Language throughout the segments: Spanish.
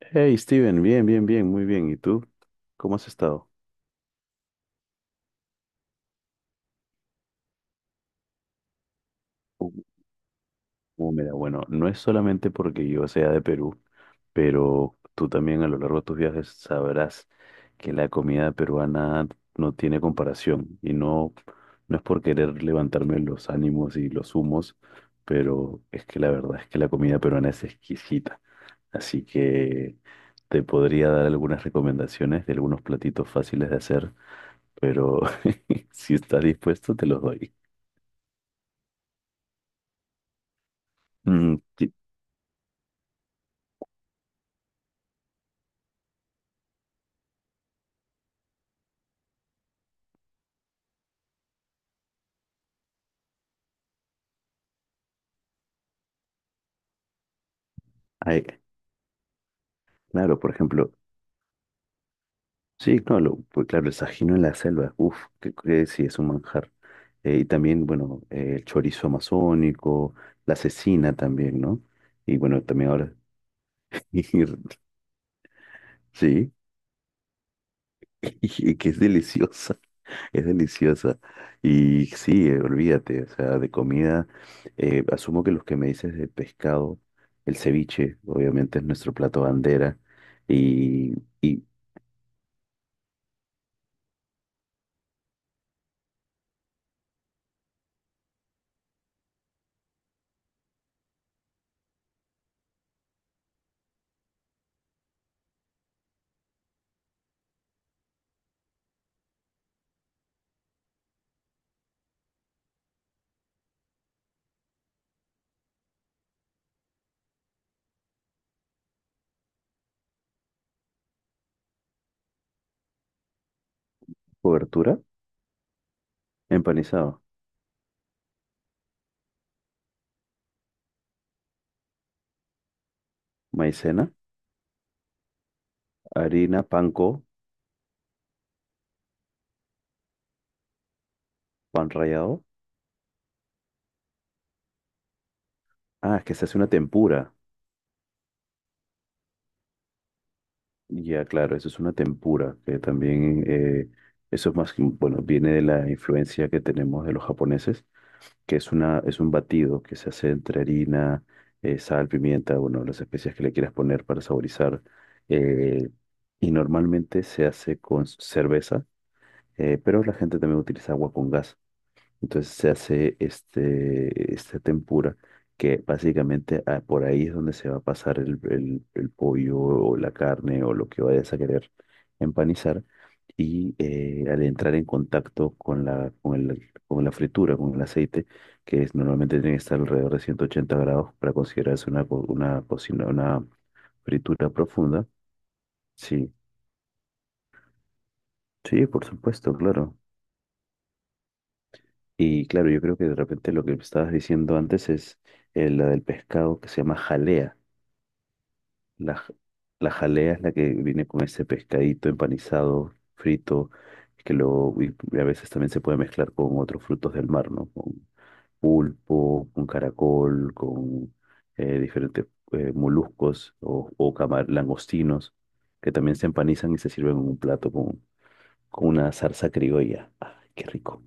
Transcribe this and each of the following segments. Hey Steven, bien, bien, bien, muy bien. ¿Y tú? ¿Cómo has estado? Uh, bueno, no es solamente porque yo sea de Perú, pero tú también a lo largo de tus viajes sabrás que la comida peruana no tiene comparación y no, no es por querer levantarme los ánimos y los humos, pero es que la verdad es que la comida peruana es exquisita. Así que te podría dar algunas recomendaciones de algunos platitos fáciles de hacer, pero si estás dispuesto te los doy. Mm, sí, ay, claro, por ejemplo, sí, no, pues claro, el sajino en la selva, uff, que sí es un manjar. Y también, el chorizo amazónico, la cecina también, ¿no? Y bueno, también ahora, y- sí, y que es deliciosa, es deliciosa. Y sí, olvídate, o sea, de comida, asumo que los que me dices de pescado, el ceviche, obviamente es nuestro plato bandera, y, y cobertura, empanizado. Maicena, harina, panko, pan rallado. Ah, es que se hace una tempura. Ya, claro, eso es una tempura, que también, eso es más, bueno, viene de la influencia que tenemos de los japoneses, que es una, es un batido que se hace entre harina, sal, pimienta, bueno, las especias que le quieras poner para saborizar. eh, y normalmente se hace con cerveza, pero la gente también utiliza agua con gas. Entonces se hace este tempura, que básicamente por ahí es donde se va a pasar el pollo o la carne o lo que vayas a querer empanizar. Y al entrar en contacto con con la fritura, con el aceite, que es, normalmente tiene que estar alrededor de 180 grados para considerarse una, una cocina, una fritura profunda. Sí, sí, por supuesto, claro. Y claro, yo creo que de repente lo que estabas diciendo antes es la del pescado que se llama jalea. La, la jalea es la que viene con ese pescadito empanizado, frito, que luego y a veces también se puede mezclar con otros frutos del mar, ¿no? Con pulpo, con caracol, con diferentes moluscos o langostinos, que también se empanizan y se sirven en un plato con una salsa criolla. ¡Ay, qué rico!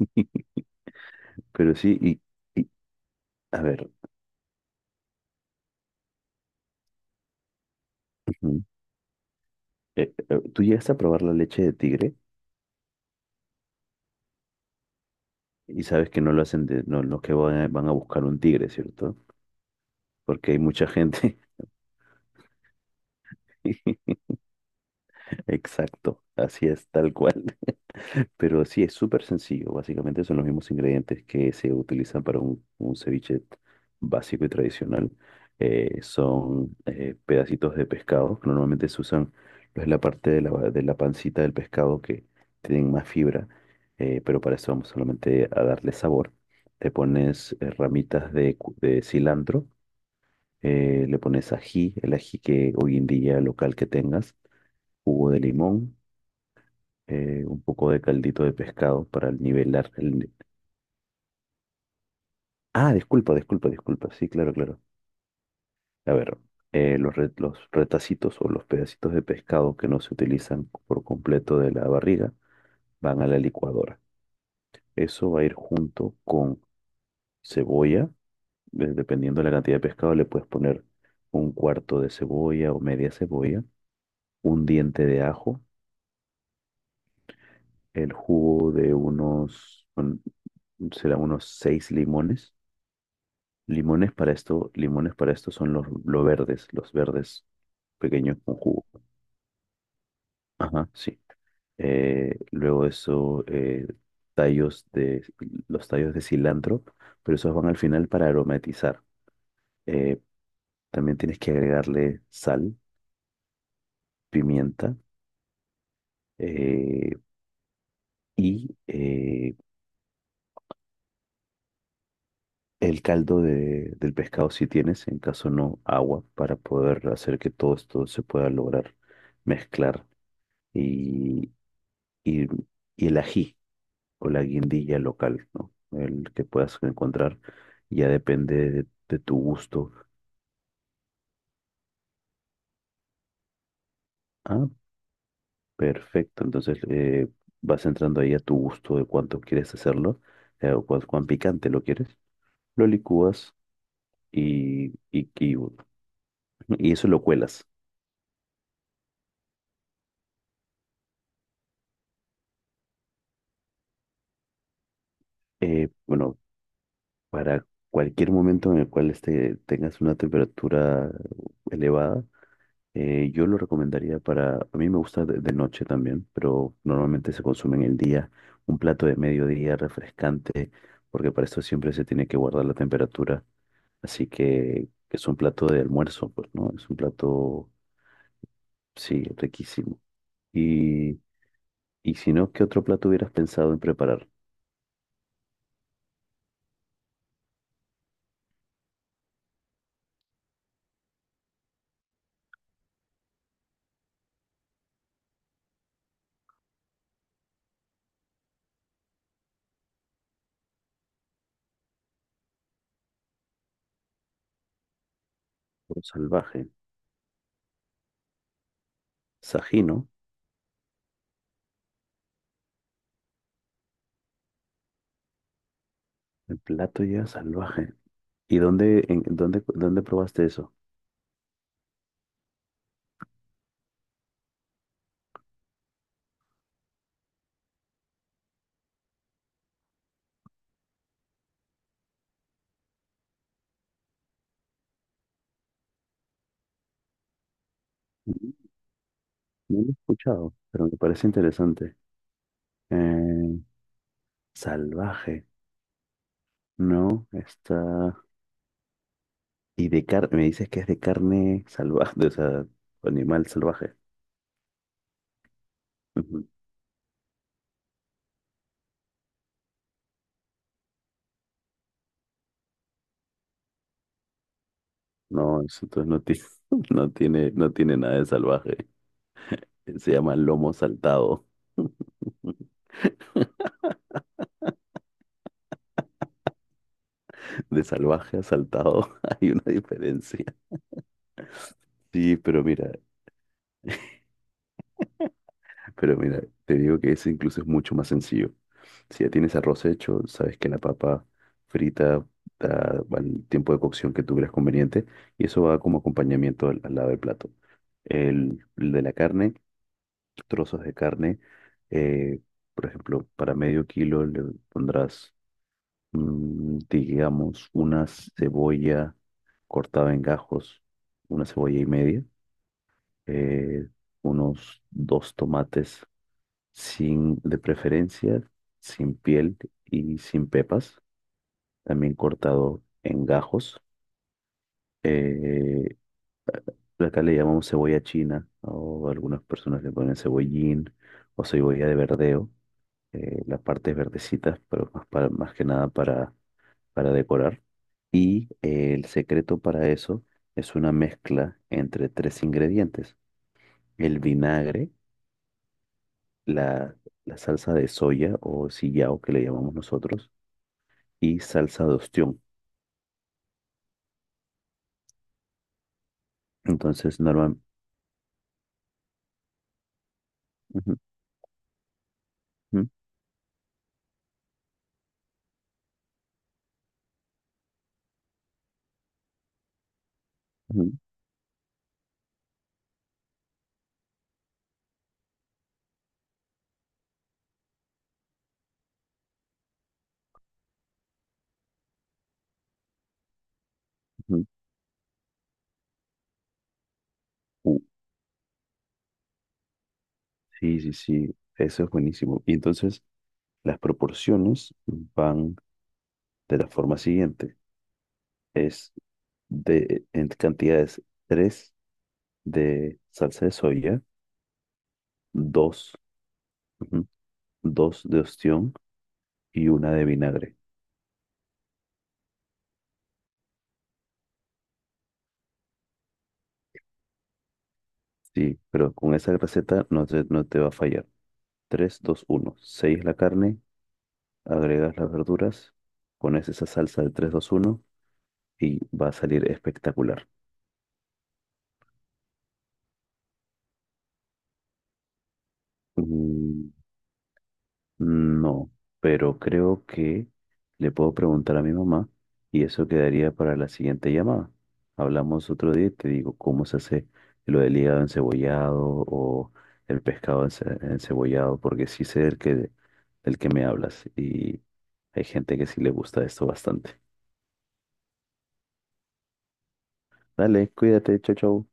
Pero sí, y, y, a ver. Ujú. Tú llegas a probar la leche de tigre y sabes que no lo hacen de, no, no que van a, van a buscar un tigre, ¿cierto? Porque hay mucha gente. Exacto, así es, tal cual. Pero sí, es súper sencillo. Básicamente son los mismos ingredientes que se utilizan para un ceviche básico y tradicional. Son Pedacitos de pescado que normalmente se usan pues, la parte de de la pancita del pescado que tienen más fibra, pero para eso vamos solamente a darle sabor. Te pones ramitas de, de cilantro, le pones ají, el ají que hoy en día local que tengas, jugo de limón un poco de caldito de pescado para nivelar el... Ah, disculpa, disculpa, disculpa. Sí, claro, claro. A ver, los retacitos o los pedacitos de pescado que no se utilizan por completo de la barriga van a la licuadora. Eso va a ir junto con cebolla. Dependiendo de la cantidad de pescado, le puedes poner un cuarto de cebolla o media cebolla, un diente de ajo, el jugo de unos, será unos 6 limones. Limones para esto son los verdes pequeños con jugo. Ajá, sí. Luego eso, tallos de, los tallos de cilantro, pero esos van al final para aromatizar. Eh, También tienes que agregarle sal, pimienta eh, y eh, el caldo del pescado si tienes, en caso no, agua para poder hacer que todo esto se pueda lograr mezclar y, y y el ají, o la guindilla local, ¿no? El que puedas encontrar ya depende de tu gusto. Ah, perfecto. Entonces vas entrando ahí a tu gusto de cuánto quieres hacerlo cuán picante lo quieres. Lo licúas y, y, y, y eso lo cuelas. Bueno, para cualquier momento en el cual tengas una temperatura elevada. Yo lo recomendaría para, a mí me gusta de noche también, pero normalmente se consume en el día, un plato de mediodía refrescante, porque para esto siempre se tiene que guardar la temperatura, así que es un plato de almuerzo, pues, ¿no? Es un plato, sí, riquísimo. Y, y si no, ¿qué otro plato hubieras pensado en preparar? Un salvaje, Sají, ¿no? El plato ya salvaje. ¿Y dónde, en, dónde, dónde probaste eso? Ujú. No lo he escuchado, pero me parece interesante. Eh, Salvaje, ¿no? Está... Y de carne, me dices que es de carne salvaje, o sea, animal salvaje. Ujú. No, eso entonces no tiene, no tiene nada de salvaje. Se llama lomo saltado. De salvaje a saltado hay una diferencia. Sí, pero mira, te digo que ese incluso es mucho más sencillo. Si ya tienes arroz hecho, sabes que la papa frita da bueno, el tiempo de cocción que tú creas conveniente y eso va como acompañamiento al, al lado del plato. El de la carne, trozos de carne, eh, por ejemplo, para medio kilo le pondrás, mm, digamos, una cebolla cortada en gajos, una cebolla y media, eh, unos dos tomates sin, de preferencia, sin piel y sin pepas también cortado en gajos. Eh, Acá le llamamos cebolla china, o algunas personas le ponen cebollín o cebolla de verdeo, las partes verdecitas, pero más, para, más que nada para, para decorar. Y el secreto para eso es una mezcla entre tres ingredientes: el vinagre, la, la salsa de soya o sillao que le llamamos nosotros, y salsa de ostión. Entonces, normal. Ujú, ujú, ujú, ujú. Sí, sí, sí, eso es buenísimo. Y entonces las proporciones van de la forma siguiente. Es de en cantidades 3 de salsa de soya, 2, 2 de ostión y una de vinagre. Sí, pero con esa receta no te, no te va a fallar. 3 2 1 6 la carne, agregas las verduras, pones esa salsa de 3 2 1 y va a salir espectacular. Mm, no, pero creo que le puedo preguntar a mi mamá y eso quedaría para la siguiente llamada. Hablamos otro día y te digo cómo se hace lo del hígado encebollado o el pescado encebollado, porque sí sé del que me hablas y hay gente que sí le gusta esto bastante. Dale, cuídate, chau, chau.